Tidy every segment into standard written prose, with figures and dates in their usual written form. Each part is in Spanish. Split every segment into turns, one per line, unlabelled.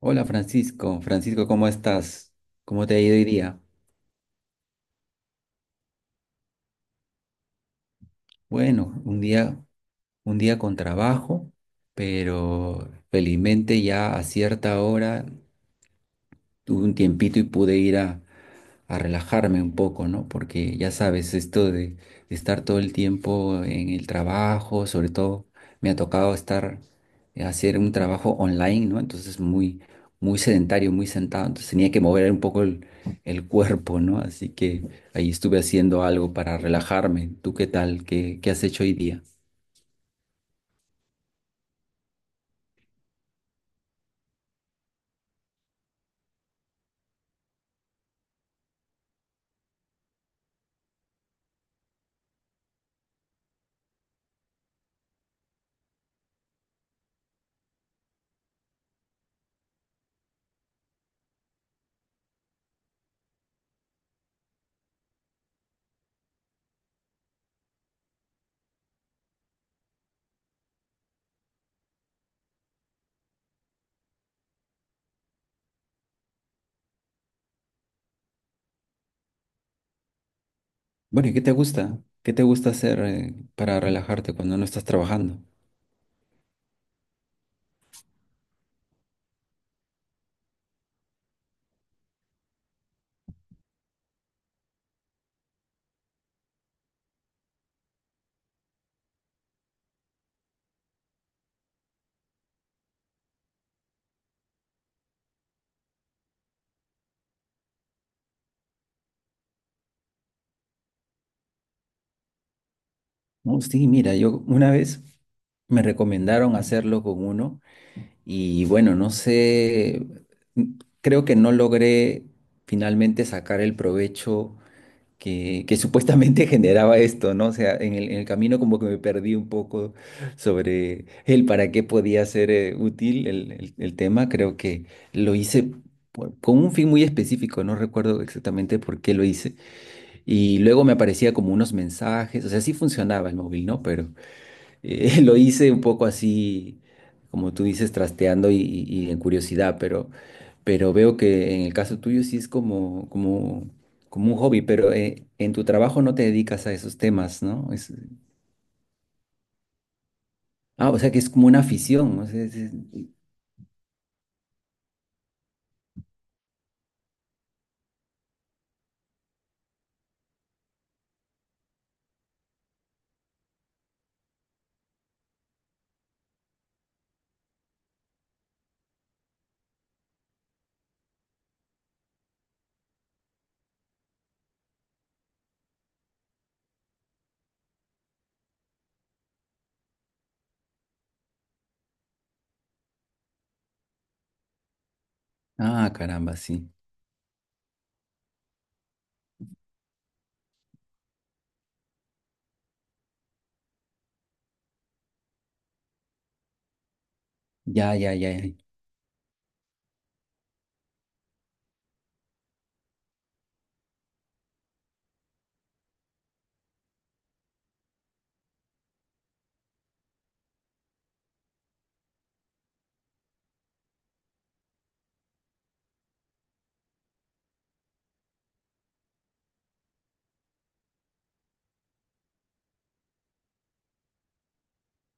Hola Francisco, Francisco, ¿cómo estás? ¿Cómo te ha ido hoy día? Bueno, un día con trabajo, pero felizmente ya a cierta hora tuve un tiempito y pude ir a relajarme un poco, ¿no? Porque ya sabes, esto de estar todo el tiempo en el trabajo, sobre todo me ha tocado estar, hacer un trabajo online, ¿no? Entonces muy, muy sedentario, muy sentado, entonces tenía que mover un poco el cuerpo, ¿no? Así que ahí estuve haciendo algo para relajarme. ¿Tú qué tal? ¿Qué has hecho hoy día? Bueno, ¿y qué te gusta? ¿Qué te gusta hacer para relajarte cuando no estás trabajando? No, sí, mira, yo una vez me recomendaron hacerlo con uno y bueno, no sé, creo que no logré finalmente sacar el provecho que supuestamente generaba esto, ¿no? O sea, en el camino como que me perdí un poco sobre el para qué podía ser útil el tema. Creo que lo hice con un fin muy específico, no recuerdo exactamente por qué lo hice. Y luego me aparecía como unos mensajes, o sea, sí funcionaba el móvil, ¿no? Pero lo hice un poco así, como tú dices, trasteando y en curiosidad, pero veo que en el caso tuyo sí es como un hobby, pero en tu trabajo no te dedicas a esos temas, ¿no? Ah, o sea que es como una afición. O sea, ah, caramba, sí. Ya, ya, ya, ya.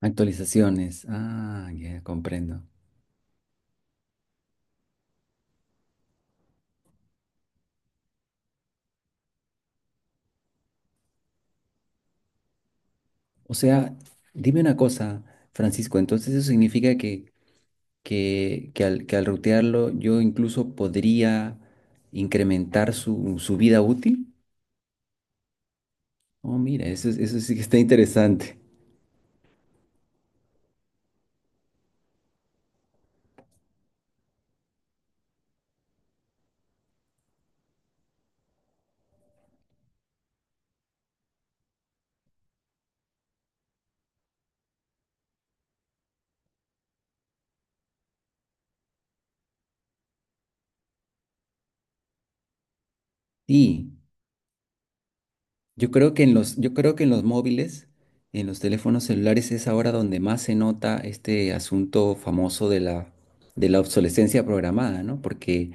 Actualizaciones. Ah, ya comprendo. O sea, dime una cosa, Francisco, entonces eso significa que al rutearlo yo incluso podría incrementar su, su vida útil. Oh, mira, eso, eso sí que está interesante. Sí, yo creo que en los móviles, en los teléfonos celulares es ahora donde más se nota este asunto famoso de la obsolescencia programada, ¿no? Porque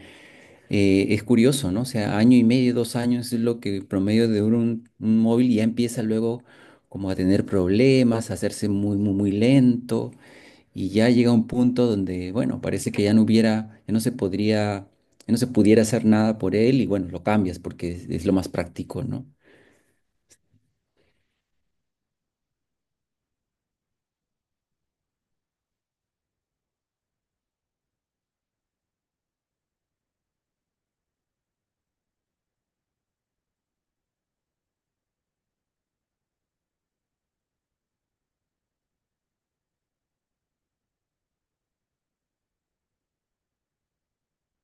es curioso, ¿no? O sea, año y medio, 2 años es lo que promedio de un móvil y ya empieza luego como a tener problemas, a hacerse muy, muy, muy lento. Y ya llega un punto donde, bueno, parece que ya no hubiera, ya no se podría, ya no se pudiera hacer nada por él y bueno, lo cambias porque es lo más práctico, ¿no?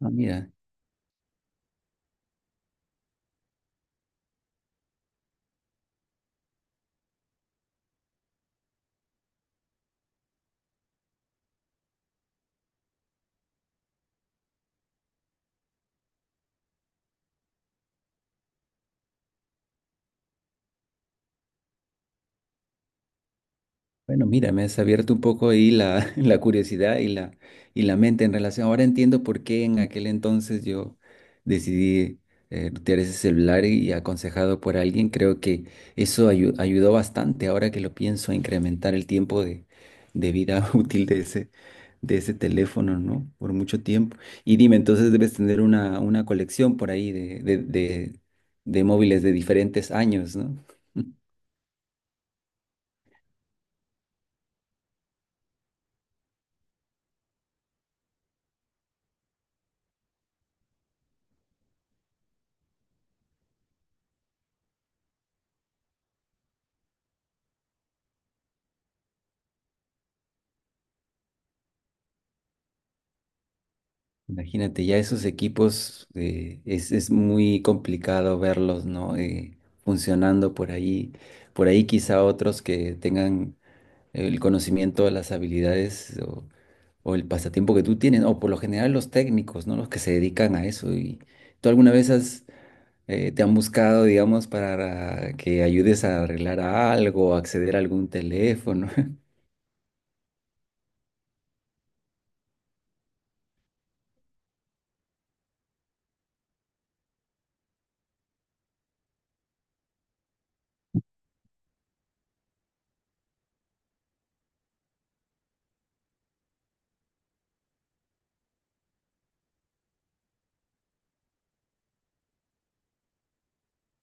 Ah, mira, bueno, mira, me has abierto un poco ahí la, la curiosidad y la mente en relación. Ahora entiendo por qué en aquel entonces yo decidí retirar ese celular y aconsejado por alguien. Creo que eso ayudó bastante ahora que lo pienso a incrementar el tiempo de vida útil de ese teléfono, ¿no? Por mucho tiempo. Y dime, entonces debes tener una colección por ahí de móviles de diferentes años, ¿no? Imagínate, ya esos equipos es muy complicado verlos, ¿no? Funcionando por ahí. Por ahí quizá otros que tengan el conocimiento, las habilidades o el pasatiempo que tú tienes, o por lo general los técnicos, ¿no? Los que se dedican a eso. ¿Y tú alguna vez te han buscado, digamos, para que ayudes a arreglar algo, acceder a algún teléfono?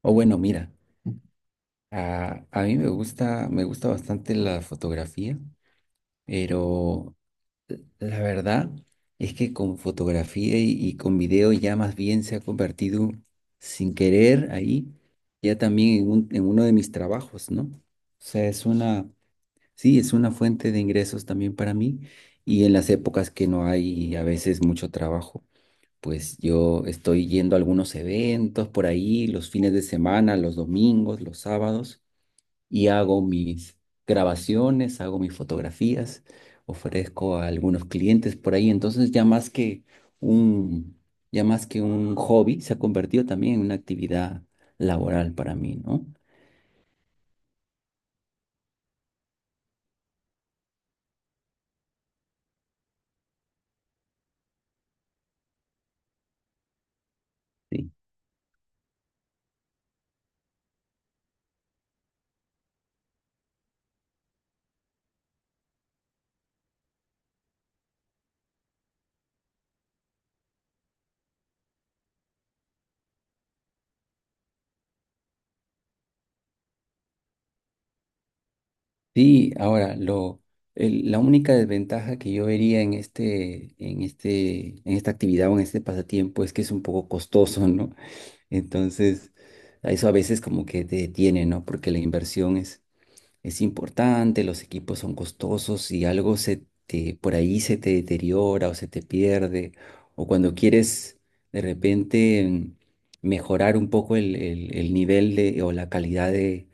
O bueno, mira, a mí me gusta bastante la fotografía. Pero la verdad es que con fotografía y con video ya más bien se ha convertido sin querer ahí, ya también en, en uno de mis trabajos, ¿no? O sea, es una, sí, es una fuente de ingresos también para mí y en las épocas que no hay a veces mucho trabajo, pues yo estoy yendo a algunos eventos por ahí, los fines de semana, los domingos, los sábados y hago mis grabaciones, hago mis fotografías, ofrezco a algunos clientes por ahí. Entonces ya más un, que un hobby, se ha convertido también en una actividad laboral para mí, ¿no? Sí. Sí, ahora lo la única desventaja que yo vería en esta actividad o en este pasatiempo es que es un poco costoso, ¿no? Entonces, a eso a veces como que te detiene, ¿no? Porque la inversión es importante, los equipos son costosos y algo se te, por ahí se te deteriora o se te pierde, o cuando quieres de repente mejorar un poco el nivel de, o la calidad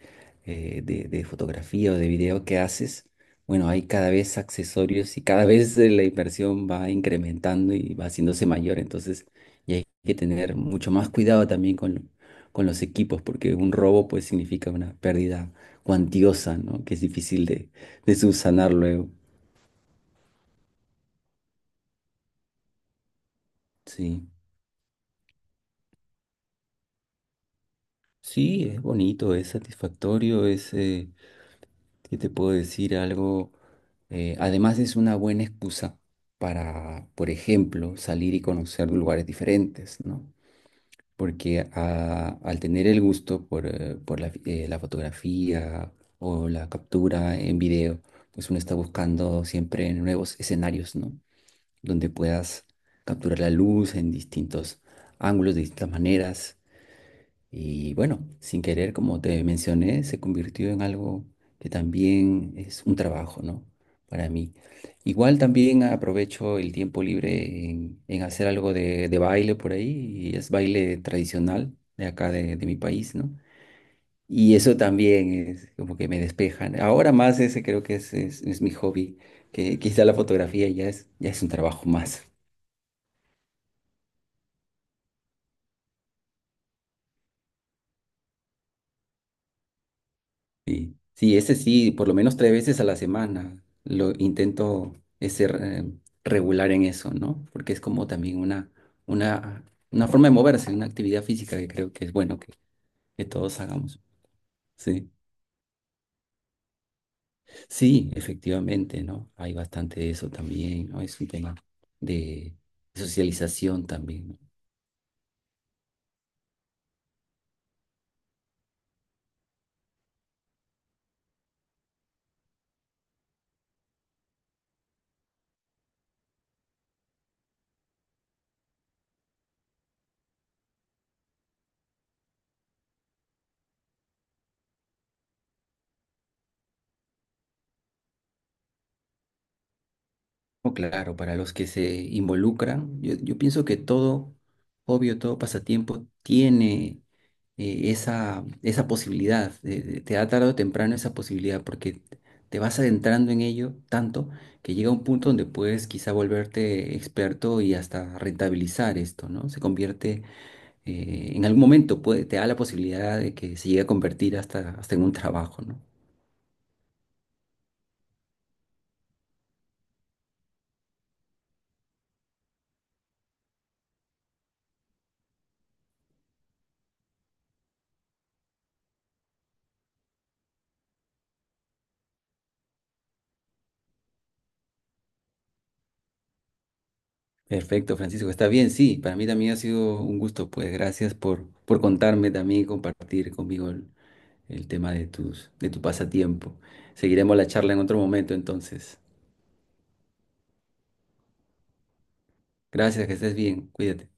de fotografía o de video que haces, bueno, hay cada vez accesorios y cada vez la inversión va incrementando y va haciéndose mayor, entonces y hay que tener mucho más cuidado también con los equipos, porque un robo pues significa una pérdida cuantiosa, ¿no? Que es difícil de subsanar luego. Sí, sí, es bonito, es satisfactorio, ¿qué te puedo decir? Algo, además es una buena excusa para, por ejemplo, salir y conocer lugares diferentes, ¿no? Porque al tener el gusto por la fotografía o la captura en video, pues uno está buscando siempre nuevos escenarios, ¿no? Donde puedas capturar la luz en distintos ángulos, de distintas maneras. Y bueno, sin querer, como te mencioné, se convirtió en algo que también es un trabajo, ¿no? Para mí. Igual también aprovecho el tiempo libre en hacer algo de baile por ahí, y es baile tradicional de acá de mi país, ¿no? Y eso también es como que me despejan. Ahora más ese creo que es mi hobby, que quizá la fotografía ya es un trabajo más. Sí, sí, ese sí, por lo menos tres veces a la semana lo intento ser regular en eso, ¿no? Porque es como también una, una forma de moverse, una actividad física que creo que es bueno que todos hagamos. Sí, sí, efectivamente, ¿no? Hay bastante de eso también, ¿no? Es un tema de socialización también. No, claro, para los que se involucran, yo pienso que todo, obvio, todo pasatiempo tiene esa posibilidad, te da tarde o temprano esa posibilidad, porque te vas adentrando en ello tanto que llega un punto donde puedes quizá volverte experto y hasta rentabilizar esto, ¿no? Se convierte, en algún momento puede, te da la posibilidad de que se llegue a convertir hasta, hasta en un trabajo, ¿no? Perfecto, Francisco, está bien, sí, para mí también ha sido un gusto, pues gracias por contarme también y compartir conmigo el tema de tu pasatiempo. Seguiremos la charla en otro momento, entonces. Gracias, que estés bien, cuídate.